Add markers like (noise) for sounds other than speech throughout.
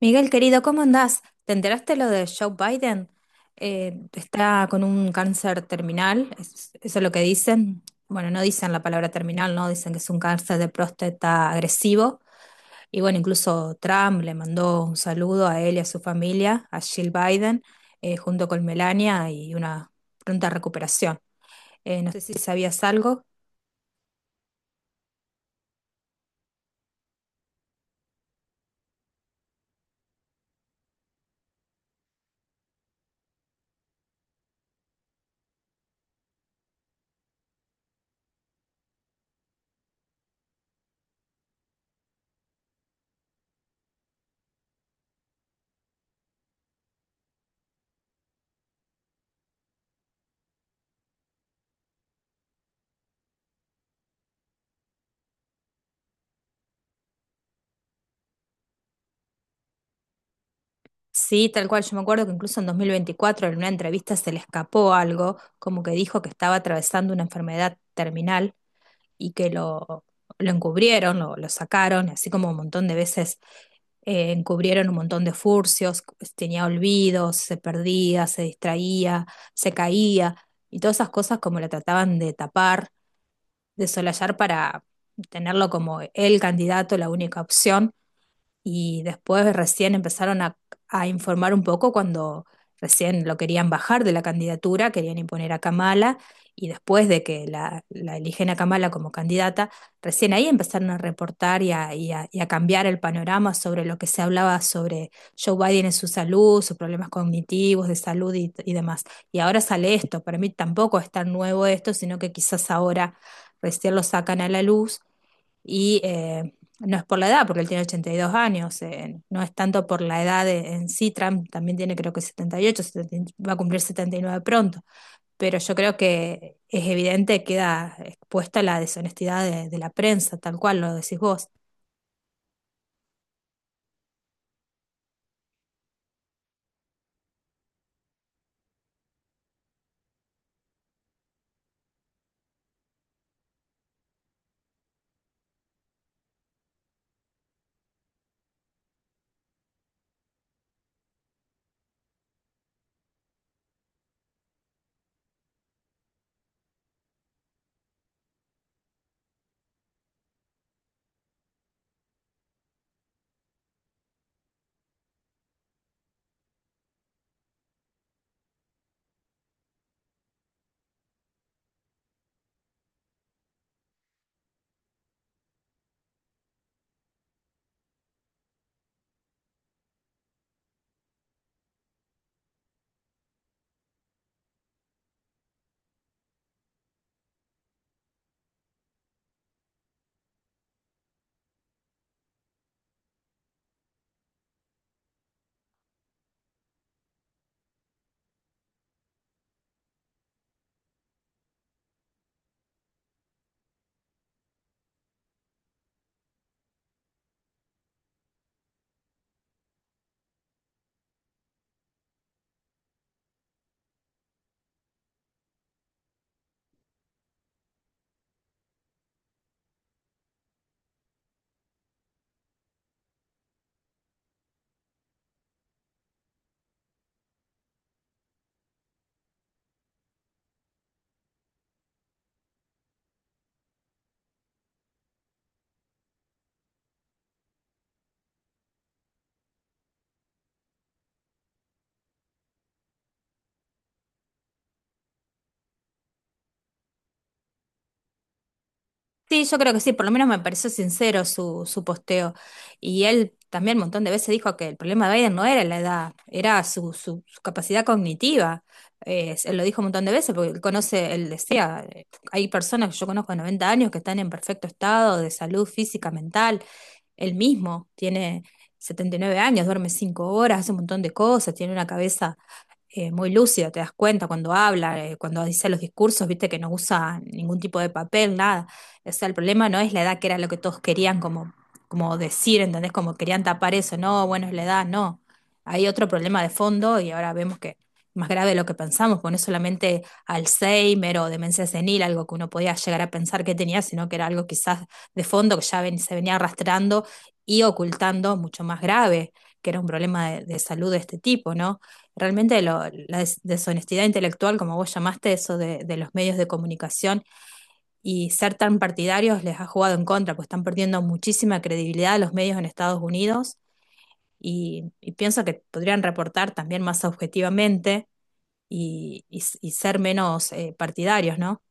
Miguel, querido, ¿cómo andás? ¿Te enteraste lo de Joe Biden? Está con un cáncer terminal, eso es lo que dicen. Bueno, no dicen la palabra terminal, no, dicen que es un cáncer de próstata agresivo. Y bueno, incluso Trump le mandó un saludo a él y a su familia, a Jill Biden, junto con Melania y una pronta recuperación. No sé si sabías algo. Sí, tal cual. Yo me acuerdo que incluso en 2024 en una entrevista se le escapó algo, como que dijo que estaba atravesando una enfermedad terminal y lo encubrieron, lo sacaron, así como un montón de veces encubrieron un montón de furcios, pues, tenía olvidos, se perdía, se distraía, se caía y todas esas cosas como la trataban de tapar, de solallar para tenerlo como el candidato, la única opción y después recién empezaron a informar un poco cuando recién lo querían bajar de la candidatura, querían imponer a Kamala y después de que la eligen a Kamala como candidata, recién ahí empezaron a reportar y a cambiar el panorama sobre lo que se hablaba sobre Joe Biden en su salud, sus problemas cognitivos, de salud y demás. Y ahora sale esto, para mí tampoco es tan nuevo esto, sino que quizás ahora recién lo sacan a la luz y no es por la edad, porque él tiene 82 años, no es tanto por la edad en sí, Trump también tiene creo que 78, 70 va a cumplir 79 pronto, pero yo creo que es evidente, queda expuesta la deshonestidad de la prensa, tal cual lo decís vos. Sí, yo creo que sí, por lo menos me pareció sincero su posteo. Y él también un montón de veces dijo que el problema de Biden no era la edad, era su capacidad cognitiva. Él lo dijo un montón de veces porque él conoce, él decía, hay personas que yo conozco de 90 años que están en perfecto estado de salud física, mental. Él mismo tiene 79 años, duerme 5 horas, hace un montón de cosas, tiene una cabeza muy lúcida, te das cuenta cuando habla, cuando dice los discursos, viste que no usa ningún tipo de papel, nada. O sea, el problema no es la edad, que era lo que todos querían como decir, ¿entendés? Como querían tapar eso, no, bueno, es la edad, no. Hay otro problema de fondo y ahora vemos que es más grave de lo que pensamos, porque no es solamente Alzheimer o demencia senil, algo que uno podía llegar a pensar que tenía, sino que era algo quizás de fondo que ya se venía arrastrando y ocultando mucho más grave, que era un problema de salud de este tipo, ¿no? Realmente la deshonestidad intelectual, como vos llamaste, eso de los medios de comunicación y ser tan partidarios les ha jugado en contra, pues están perdiendo muchísima credibilidad los medios en Estados Unidos y pienso que podrían reportar también más objetivamente y ser menos partidarios, ¿no?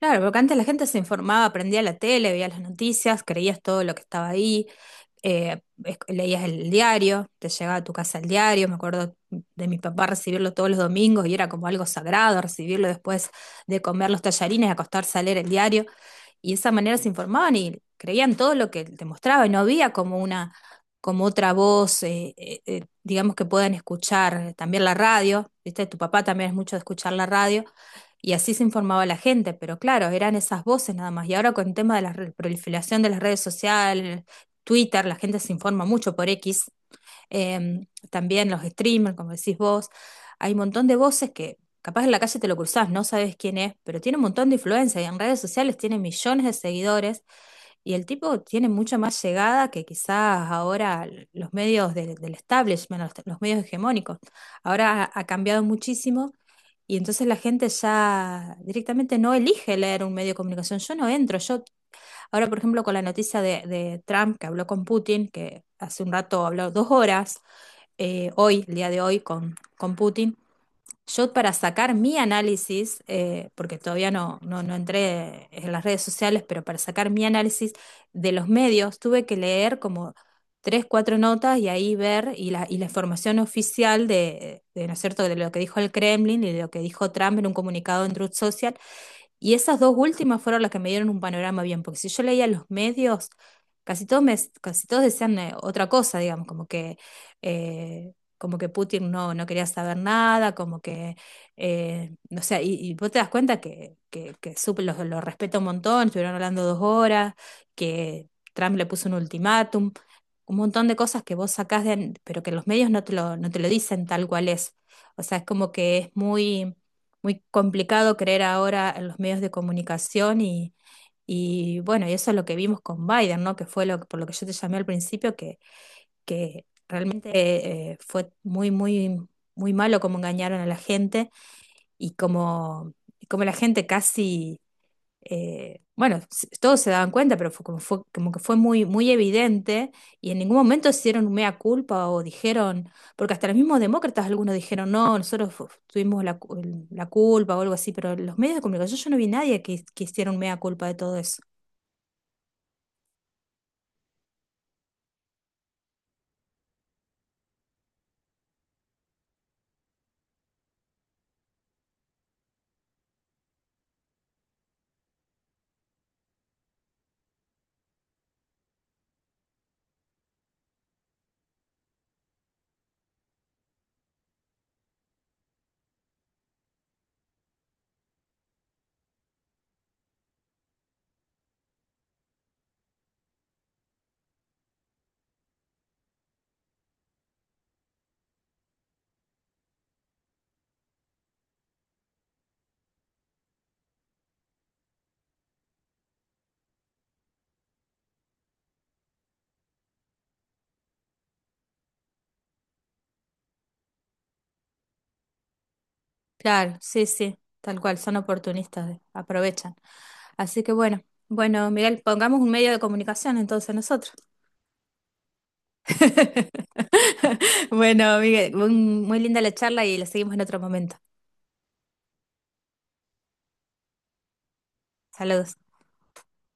Claro, porque antes la gente se informaba, prendía la tele, veía las noticias, creías todo lo que estaba ahí, leías el diario, te llegaba a tu casa el diario, me acuerdo de mi papá recibirlo todos los domingos y era como algo sagrado recibirlo después de comer los tallarines, acostarse a leer el diario, y de esa manera se informaban y creían todo lo que te mostraba y no había como otra voz, digamos que puedan escuchar, también la radio, ¿viste? Tu papá también es mucho de escuchar la radio y así se informaba la gente, pero claro, eran esas voces nada más. Y ahora con el tema de la proliferación de las redes sociales, Twitter, la gente se informa mucho por X, también los streamers, como decís vos, hay un montón de voces que capaz en la calle te lo cruzás, no sabes quién es, pero tiene un montón de influencia y en redes sociales tiene millones de seguidores y el tipo tiene mucha más llegada que quizás ahora los medios del establishment, los medios hegemónicos. Ahora ha cambiado muchísimo y entonces la gente ya directamente no elige leer un medio de comunicación. Yo no entro. Yo, ahora, por ejemplo, con la noticia de Trump que habló con Putin, que hace un rato habló dos horas, hoy, el día de hoy, con Putin, yo para sacar mi análisis, porque todavía no entré en las redes sociales, pero para sacar mi análisis de los medios, tuve que leer como tres, cuatro notas y ahí ver y y la información oficial ¿no es cierto?, de lo que dijo el Kremlin y de lo que dijo Trump en un comunicado en Truth Social y esas dos últimas fueron las que me dieron un panorama bien, porque si yo leía los medios, casi todos, me, casi todos decían otra cosa, digamos, como que Putin no quería saber nada, o sea, y vos te das cuenta que los respeto un montón, estuvieron hablando dos horas, que Trump le puso un ultimátum, un montón de cosas que vos sacás de, pero que los medios no te no te lo dicen tal cual es. O sea, es como que es muy complicado creer ahora en los medios de comunicación y bueno, y eso es lo que vimos con Biden, ¿no? Que fue lo, que- por lo que yo te llamé al principio, que realmente fue muy malo cómo engañaron a la gente y como, cómo la gente casi bueno, todos se daban cuenta, pero fue, como que fue muy, muy evidente y en ningún momento hicieron un mea culpa o dijeron, porque hasta los mismos demócratas algunos dijeron, no, nosotros tuvimos la culpa o algo así, pero los medios de comunicación yo no vi nadie que hiciera un mea culpa de todo eso. Claro, sí, sí, tal cual, son oportunistas, aprovechan. Así que bueno, bueno, Miguel, pongamos un medio de comunicación entonces nosotros. (laughs) Bueno, Miguel, muy linda la charla y la seguimos en otro momento. Saludos.